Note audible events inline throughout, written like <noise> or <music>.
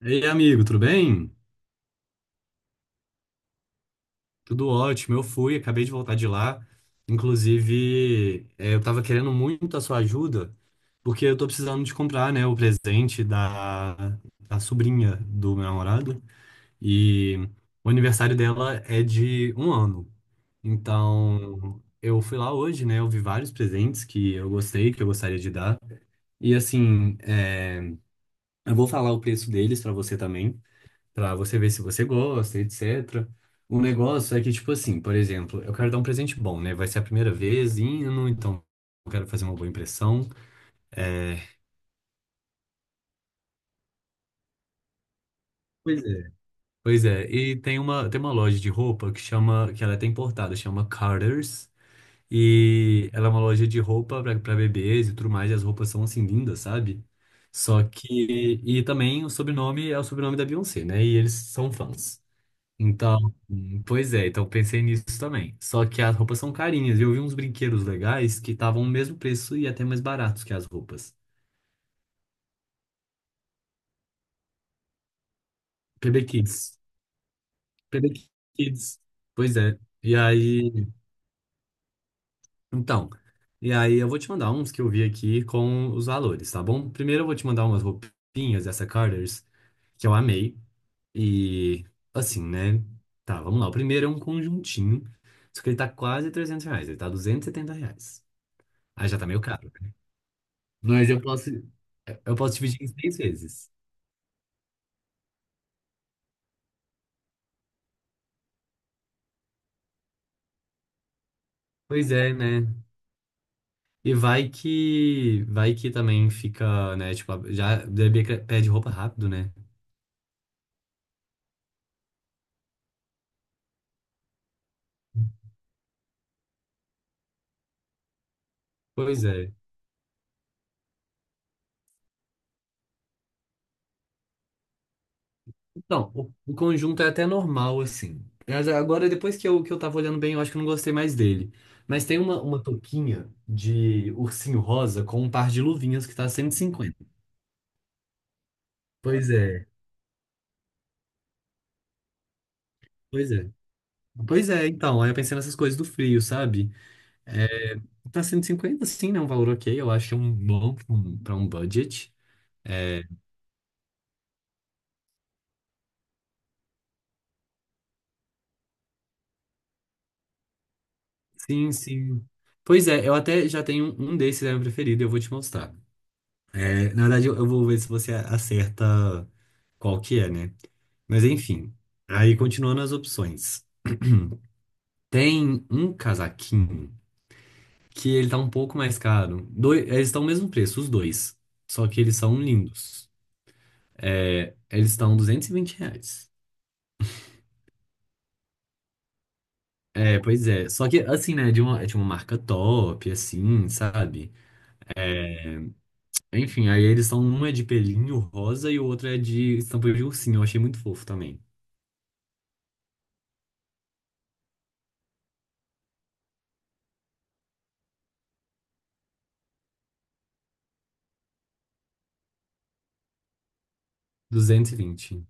Ei, amigo, tudo bem? Tudo ótimo. Eu fui, acabei de voltar de lá. Inclusive, eu tava querendo muito a sua ajuda, porque eu tô precisando de comprar, né, o presente da sobrinha do meu namorado. E o aniversário dela é de 1 ano. Então, eu fui lá hoje, né? Eu vi vários presentes que eu gostei, que eu gostaria de dar. E assim, eu vou falar o preço deles pra você também. Pra você ver se você gosta, etc. O negócio é que, tipo assim, por exemplo, eu quero dar um presente bom, né? Vai ser a primeira vez indo, então eu quero fazer uma boa impressão. É. Pois é. Pois é. E tem uma loja de roupa que chama, que ela é até importada, chama Carter's. E ela é uma loja de roupa pra bebês e tudo mais, e as roupas são assim lindas, sabe? Só que. E também o sobrenome é o sobrenome da Beyoncé, né? E eles são fãs. Então, pois é, então pensei nisso também. Só que as roupas são carinhas. E eu vi uns brinquedos legais que estavam o mesmo preço e até mais baratos que as roupas. PB Kids. PB Kids. Pois é. E aí, então, e aí eu vou te mandar uns que eu vi aqui com os valores, tá bom? Primeiro eu vou te mandar umas roupinhas dessa Carter's que eu amei. E assim, né? Tá, vamos lá. O primeiro é um conjuntinho, só que ele tá quase R$ 300, ele tá R$ 270. Aí já tá meio caro. Mas eu posso dividir em 6 vezes. Pois é, né? E vai que também fica, né? Tipo, já o bebê que pede roupa rápido, né? Pois é. Então, o conjunto é até normal, assim. Mas agora, depois que eu tava olhando bem, eu acho que eu não gostei mais dele. Mas tem uma touquinha de ursinho rosa com um par de luvinhas que tá 150. Pois é, pois é. Pois é, então, aí eu pensei nessas coisas do frio, sabe? É, pra 150 sim, né? Um valor ok, eu acho que é um bom para um pra um budget. É, sim, sim. Pois é, eu até já tenho um desses, é meu preferido, eu vou te mostrar. É, na verdade, eu vou ver se você acerta qual que é, né? Mas enfim, aí continuando as opções. <clears throat> Tem um casaquinho que ele tá um pouco mais caro. Dois eles estão o mesmo preço, os dois. Só que eles são lindos. É, eles estão R$ duzentos e vinte reais. É, pois é. Só que, assim, né, de uma marca top, assim, sabe? Enfim, aí eles são uma é de pelinho rosa e o outro é de estampa de ursinho. Eu achei muito fofo também. 220,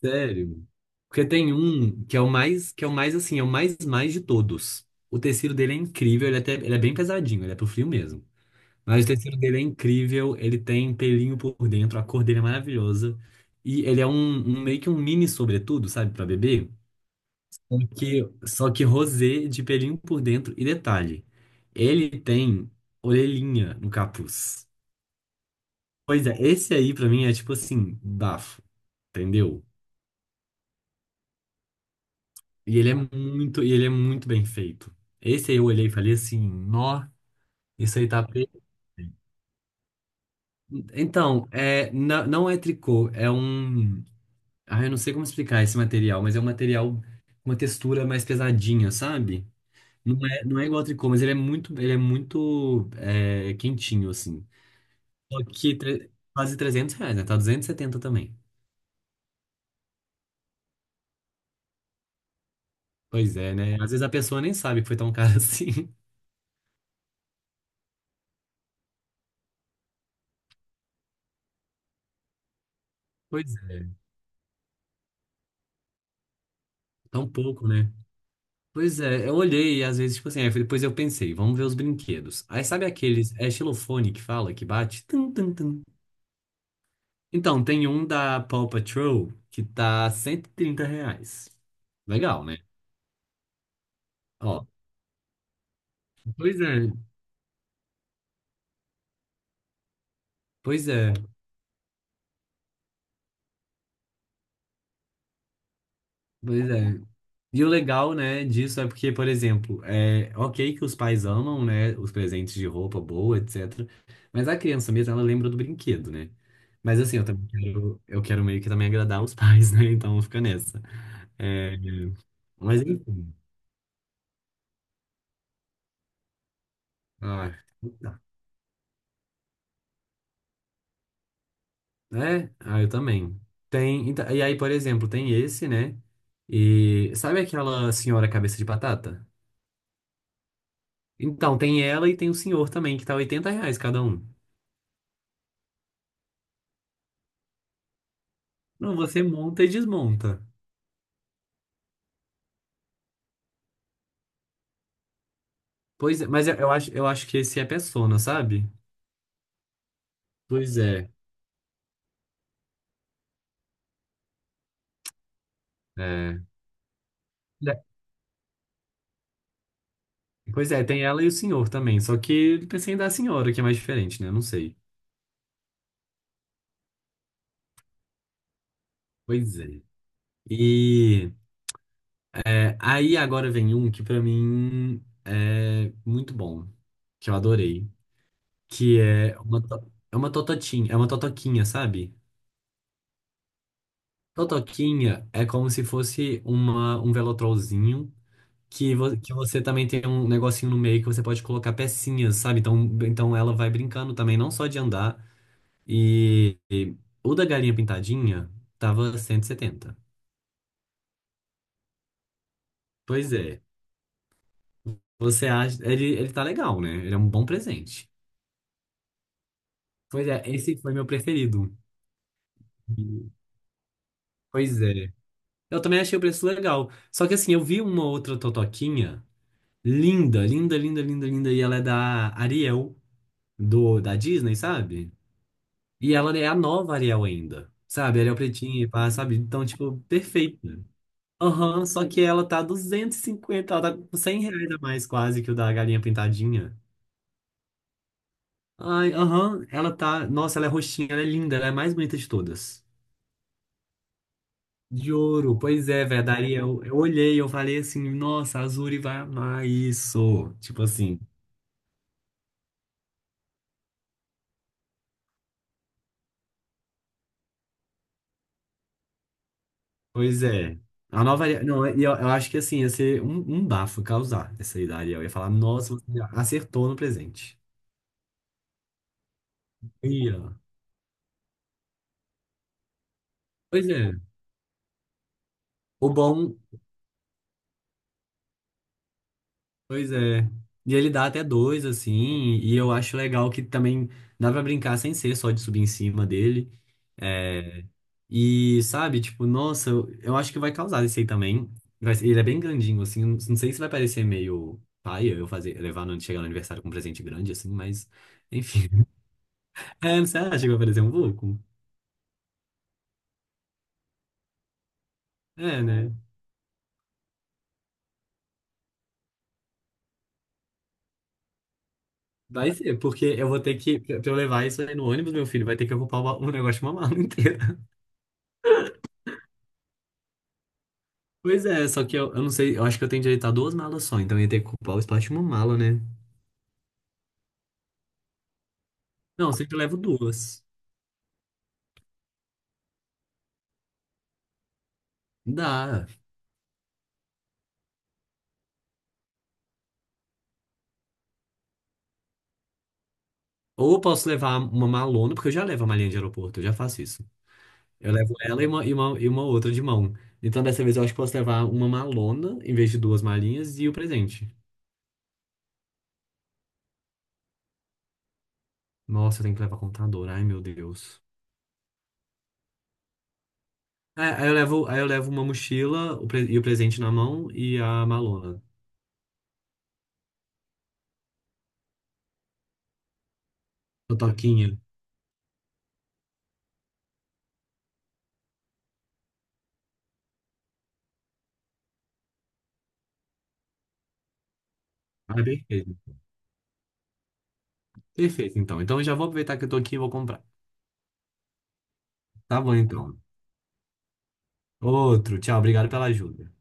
sério? Porque tem um que é o mais, que é o mais, assim, é o mais, mais de todos. O tecido dele é incrível, ele, é até, ele é bem pesadinho, ele é pro frio mesmo. Mas o tecido dele é incrível, ele tem pelinho por dentro, a cor dele é maravilhosa. E ele é um meio que um mini sobretudo, sabe, pra bebê? Só que rosé de pelinho por dentro. E detalhe, ele tem orelhinha no capuz. Pois é, esse aí pra mim é tipo assim, bafo, entendeu? E ele é muito bem feito. Esse aí eu olhei e falei assim, nó, isso aí tá perfeito. Então, é, não é tricô, é um. Ah, eu não sei como explicar esse material, mas é um material com uma textura mais pesadinha, sabe? Não é igual ao tricô, mas ele é muito quentinho, assim. Só que quase R$ 300, né? Tá 270 também. Pois é, né? Às vezes a pessoa nem sabe que foi tão caro <laughs> assim. Pois é, tão pouco, né? Pois é, eu olhei e às vezes, tipo assim, aí depois eu pensei, vamos ver os brinquedos. Aí sabe aqueles, é xilofone que fala, que bate? Tum, tum, tum. Então, tem um da Paw Patrol que tá R$ 130. Legal, né? Ó, pois é, pois é, pois é. E o legal, né, disso é porque, por exemplo, é ok que os pais amam, né, os presentes de roupa boa, etc. Mas a criança mesmo, ela lembra do brinquedo, né? Mas assim, eu também quero, eu quero meio que também agradar os <laughs> pais, né? Então fica nessa. É, mas enfim. Ah, tá. É, ah, eu também. Tem, então, e aí, por exemplo, tem esse, né? E sabe aquela senhora cabeça de batata? Então, tem ela e tem o senhor também, que tá R$ 80 cada um. Não, você monta e desmonta. Pois é, mas eu acho que esse é Persona, sabe? Pois é, é. É. Pois é, tem ela e o senhor também. Só que eu pensei em dar a senhora, que é mais diferente, né? Não sei. Pois é. E é, aí agora vem um que pra mim é muito bom, que eu adorei, que é uma tototinha, é uma totoquinha, sabe? Totoquinha é como se fosse um velotrolzinho que, que você também tem um negocinho no meio que você pode colocar pecinhas, sabe? Então, ela vai brincando também, não só de andar. E, o da galinha pintadinha tava 170. Pois é. Você acha. Ele tá legal, né? Ele é um bom presente. Pois é, esse foi meu preferido. E- Pois é. Eu também achei o preço legal. Só que assim, eu vi uma outra totoquinha linda, linda, linda, linda, linda. E ela é da Ariel, da Disney, sabe? E ela é a nova Ariel ainda, sabe? Ariel pretinha, e pá, sabe? Então, tipo, perfeita. Aham, só que ela tá 250, ela tá com R$ 100 a mais quase que o da galinha pintadinha. Ai, aham, ela tá. Nossa, ela é roxinha, ela é linda, ela é a mais bonita de todas. De ouro, pois é, velho. Daí eu olhei, eu falei assim, nossa, a Azuri vai amar isso. Tipo assim, pois é. A nova Ariel. Não, e eu acho que assim, ia ser um bafo causar essa aí da Ariel. Eu ia falar, nossa, você acertou no presente. Ia. Pois é. O bom, pois é. E ele dá até dois, assim, e eu acho legal que também dá pra brincar sem ser só de subir em cima dele. É, e, sabe, tipo, nossa, eu acho que vai causar esse aí também. Ele é bem grandinho, assim, não sei se vai parecer meio paia eu fazer, levar no, chegar no aniversário com um presente grande, assim, mas, enfim. <laughs> É, você acha que vai parecer um vulco? É, né? Vai ser, porque eu vou ter que, pra eu levar isso aí no ônibus, meu filho, vai ter que ocupar um negócio de uma mala <laughs> inteira. Pois é, só que eu não sei, eu acho que eu tenho direito a duas malas só, então eu ia ter que ocupar o espaço de uma mala, né? Não, eu sempre levo duas. Dá. Ou eu posso levar uma malona, porque eu já levo a malinha de aeroporto, eu já faço isso. Eu levo ela e uma outra de mão. Então dessa vez eu acho que posso levar uma malona em vez de duas malinhas e o presente. Nossa, eu tenho que levar computador, ai meu Deus. É, aí eu levo uma mochila o e o presente na mão e a malona. A toquinha. Ah, perfeito. Perfeito, então. Então eu já vou aproveitar que eu tô aqui e vou comprar. Tá bom, então. Outro. Tchau, obrigado pela ajuda.